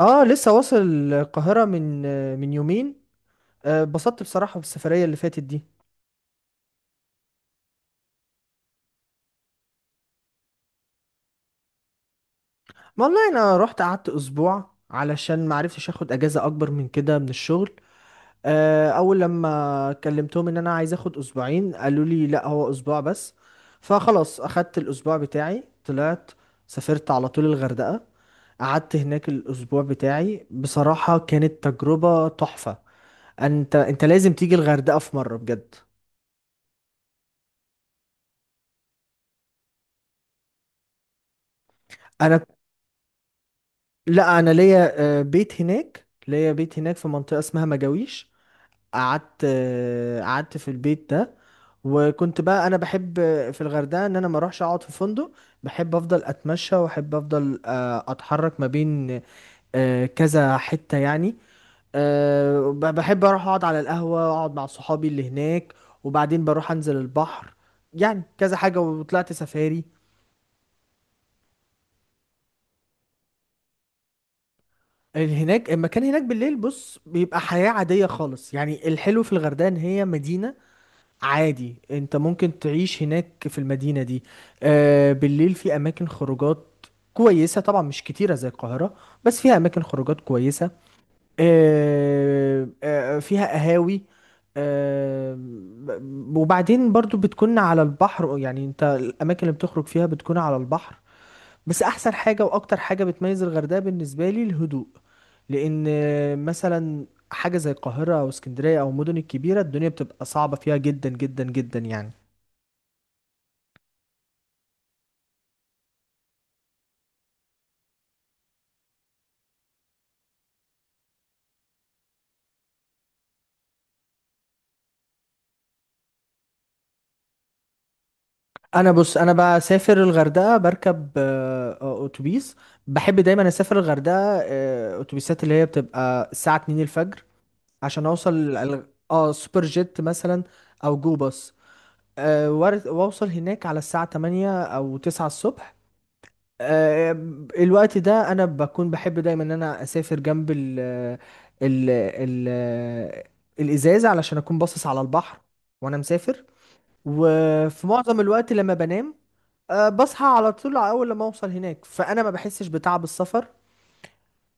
اه لسه واصل القاهرة من يومين. اتبسطت بصراحة بالسفرية اللي فاتت دي. ما والله انا رحت قعدت اسبوع علشان ما عرفتش اخد اجازة اكبر من كده من الشغل. اول لما كلمتهم ان انا عايز اخد اسبوعين قالوا لي لا هو اسبوع بس. فخلاص اخدت الاسبوع بتاعي طلعت سافرت على طول الغردقة. قعدت هناك الاسبوع بتاعي، بصراحة كانت تجربة تحفة. انت لازم تيجي الغردقة في مرة بجد. انا لا انا ليا بيت هناك، في منطقة اسمها مجاويش. قعدت، قعدت في البيت ده. وكنت بقى انا بحب في الغردقة ان انا ما اروحش اقعد في فندق. بحب افضل اتمشى، واحب افضل اتحرك ما بين كذا حتة يعني. بحب اروح اقعد على القهوة، اقعد مع صحابي اللي هناك، وبعدين بروح انزل البحر، يعني كذا حاجة. وطلعت سفاري. المكان هناك بالليل، بص، بيبقى حياة عادية خالص. يعني الحلو في الغردقة ان هي مدينة، عادي انت ممكن تعيش هناك في المدينة دي. آه، بالليل في اماكن خروجات كويسة، طبعا مش كتيرة زي القاهرة، بس فيها اماكن خروجات كويسة. فيها قهاوي. وبعدين برضو بتكون على البحر. يعني انت الاماكن اللي بتخرج فيها بتكون على البحر. بس احسن حاجه واكتر حاجه بتميز الغردقه بالنسبه لي الهدوء. لان مثلا حاجه زي القاهره او اسكندريه او المدن الكبيره الدنيا بتبقى صعبه فيها جدا جدا جدا يعني. انا بص، انا بسافر الغردقه بركب اتوبيس. بحب دايما اسافر الغردقه اتوبيسات اللي هي بتبقى الساعه 2 الفجر، عشان اوصل سوبر جيت مثلا، او جو باص. واوصل هناك على الساعه 8 او 9 الصبح. آه، الوقت ده انا بكون بحب دايما ان انا اسافر جنب ال الازازه، علشان اكون باصص على البحر وانا مسافر. وفي معظم الوقت لما بنام بصحى على طول اول لما اوصل هناك، فانا ما بحسش بتعب السفر.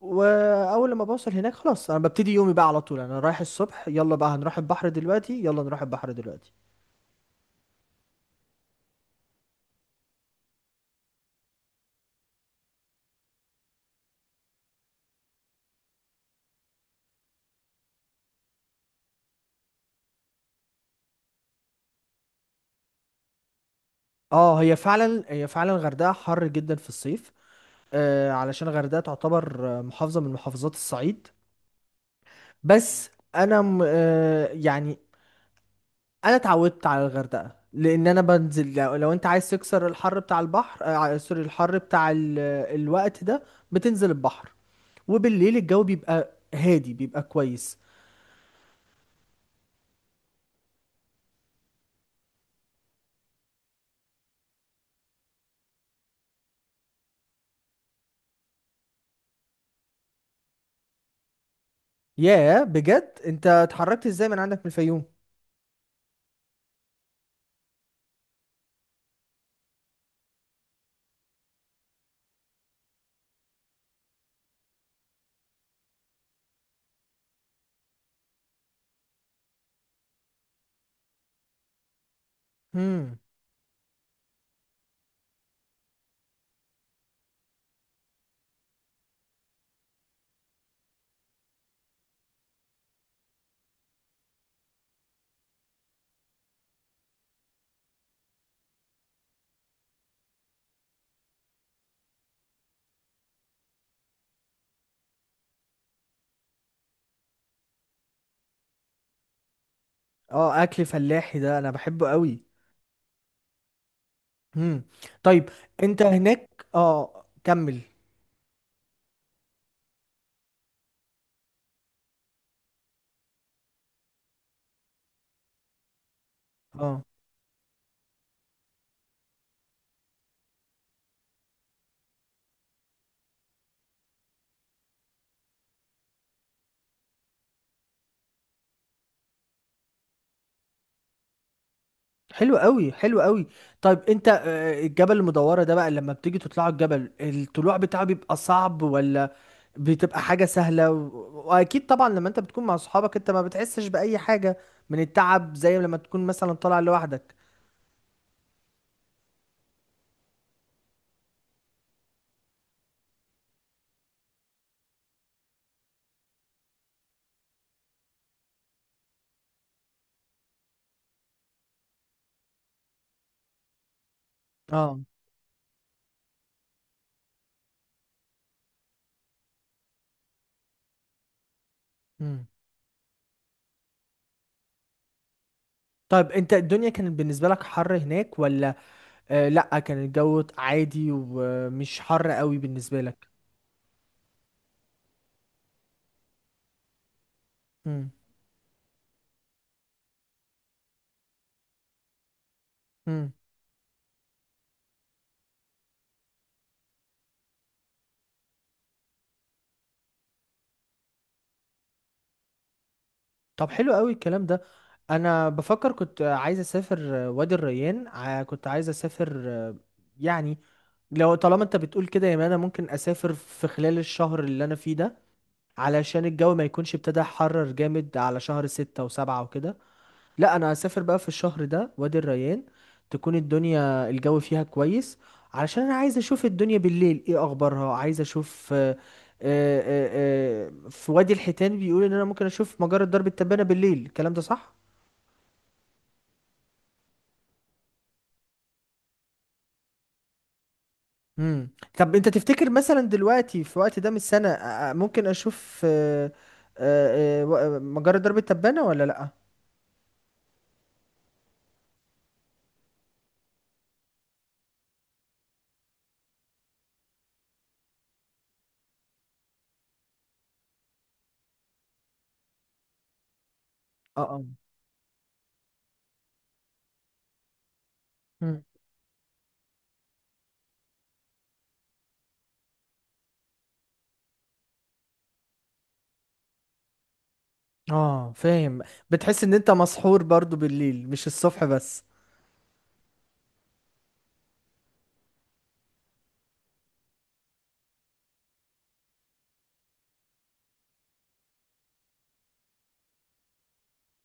واول لما بوصل هناك خلاص انا ببتدي يومي بقى على طول، انا رايح الصبح، يلا بقى هنروح البحر دلوقتي، يلا نروح البحر دلوقتي. اه، هي فعلا الغردقه حر جدا في الصيف. علشان الغردقة تعتبر محافظة من محافظات الصعيد. بس أنا م- آه، يعني أنا اتعودت على الغردقة. لأن أنا بنزل، لو أنت عايز تكسر الحر بتاع البحر، آه، ع- سوري الحر بتاع الوقت ده، بتنزل البحر. وبالليل الجو بيبقى هادي بيبقى كويس. ياه بجد، أنت اتحركت إزاي من عندك من الفيوم؟ هم. اه، أكل فلاحي ده أنا بحبه قوي. هم. طيب، أنت هناك، اه، كمل. آه. حلو قوي حلو قوي. طيب انت، الجبل المدورة ده بقى لما بتيجي تطلعوا الجبل، الطلوع بتاعه بيبقى صعب ولا بتبقى حاجة سهلة؟ واكيد طبعا لما انت بتكون مع صحابك انت ما بتحسش بأي حاجة من التعب زي لما تكون مثلا طالع لوحدك. اه. مم. طيب انت الدنيا كانت بالنسبة لك حر هناك ولا؟ آه لا، كان الجو عادي ومش حر قوي بالنسبة لك. مم. مم. طب حلو قوي الكلام ده. انا بفكر، كنت عايز اسافر وادي الريان، ع- كنت عايز اسافر يعني لو طالما انت بتقول كده يا مان، انا ممكن اسافر في خلال الشهر اللي انا فيه ده، علشان الجو ما يكونش ابتدى حرر جامد على شهر ستة وسبعة وكده. لا، انا هسافر بقى في الشهر ده وادي الريان، تكون الدنيا الجو فيها كويس. علشان انا عايز اشوف الدنيا بالليل ايه اخبارها. عايز اشوف، آه، في وادي الحيتان بيقول ان انا ممكن اشوف مجرة درب التبانة بالليل، الكلام ده صح؟ امم طب انت تفتكر مثلا دلوقتي في وقت ده من السنة ممكن اشوف مجرة درب التبانة ولا لا؟ اه اه. مم. اه فاهم. بتحس ان انت مسحور برضو بالليل مش الصبح بس.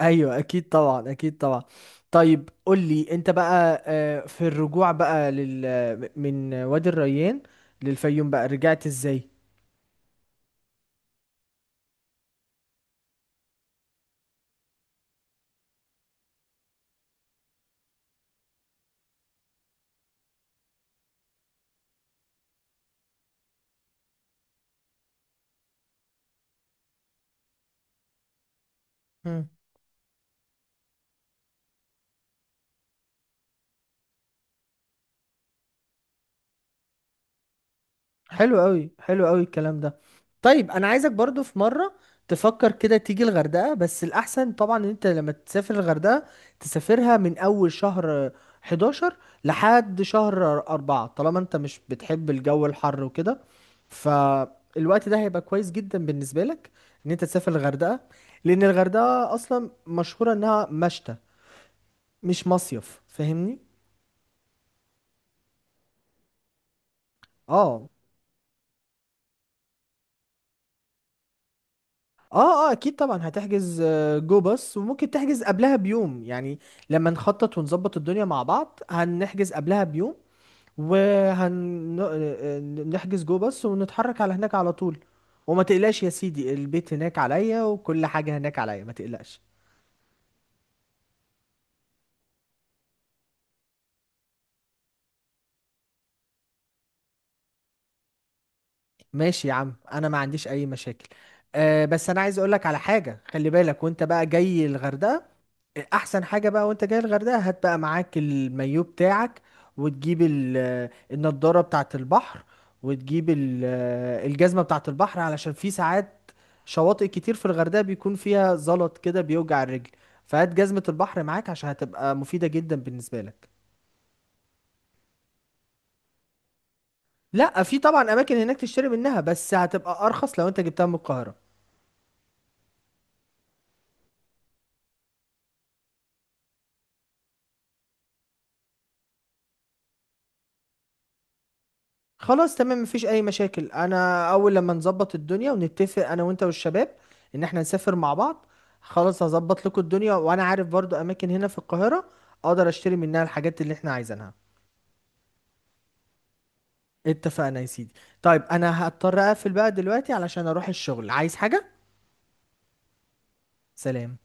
ايوه اكيد طبعا اكيد طبعا. طيب قول لي انت بقى، في الرجوع بقى من وادي الريان للفيوم بقى، رجعت ازاي؟ حلو قوي حلو قوي الكلام ده. طيب انا عايزك برضو في مره تفكر كده تيجي الغردقه، بس الاحسن طبعا ان انت لما تسافر الغردقه تسافرها من اول شهر 11 لحد شهر 4، طالما انت مش بتحب الجو الحر وكده. فالوقت ده هيبقى كويس جدا بالنسبه لك ان انت تسافر الغردقه، لان الغردقه اصلا مشهوره انها مشتى مش مصيف، فاهمني؟ اه اه، اه اكيد طبعا هتحجز جو باص، وممكن تحجز قبلها بيوم يعني. لما نخطط ونظبط الدنيا مع بعض هنحجز قبلها بيوم، وهنحجز جو باص، ونتحرك على هناك على طول. وما تقلقش يا سيدي، البيت هناك عليا وكل حاجة هناك عليا، ما تقلقش. ماشي يا عم، انا ما عنديش اي مشاكل. أه بس انا عايز اقولك على حاجة، خلي بالك وانت بقى جاي الغردقة. احسن حاجه بقى وانت جاي الغردقه هات بقى معاك المايو بتاعك، وتجيب النضاره بتاعه البحر، وتجيب الجزمه بتاعه البحر، علشان في ساعات شواطئ كتير في الغردقه بيكون فيها زلط كده بيوجع الرجل. فهات جزمه البحر معاك، عشان هتبقى مفيده جدا بالنسبه لك. لا، في طبعا اماكن هناك تشتري منها، بس هتبقى ارخص لو انت جبتها من القاهره. خلاص تمام، مفيش اي مشاكل. انا اول لما نظبط الدنيا ونتفق انا وانت والشباب ان احنا نسافر مع بعض، خلاص هظبط لكم الدنيا. وانا عارف برضو اماكن هنا في القاهرة اقدر اشتري منها الحاجات اللي احنا عايزينها. اتفقنا يا سيدي. طيب انا هضطر اقفل بقى دلوقتي علشان اروح الشغل، عايز حاجة؟ سلام.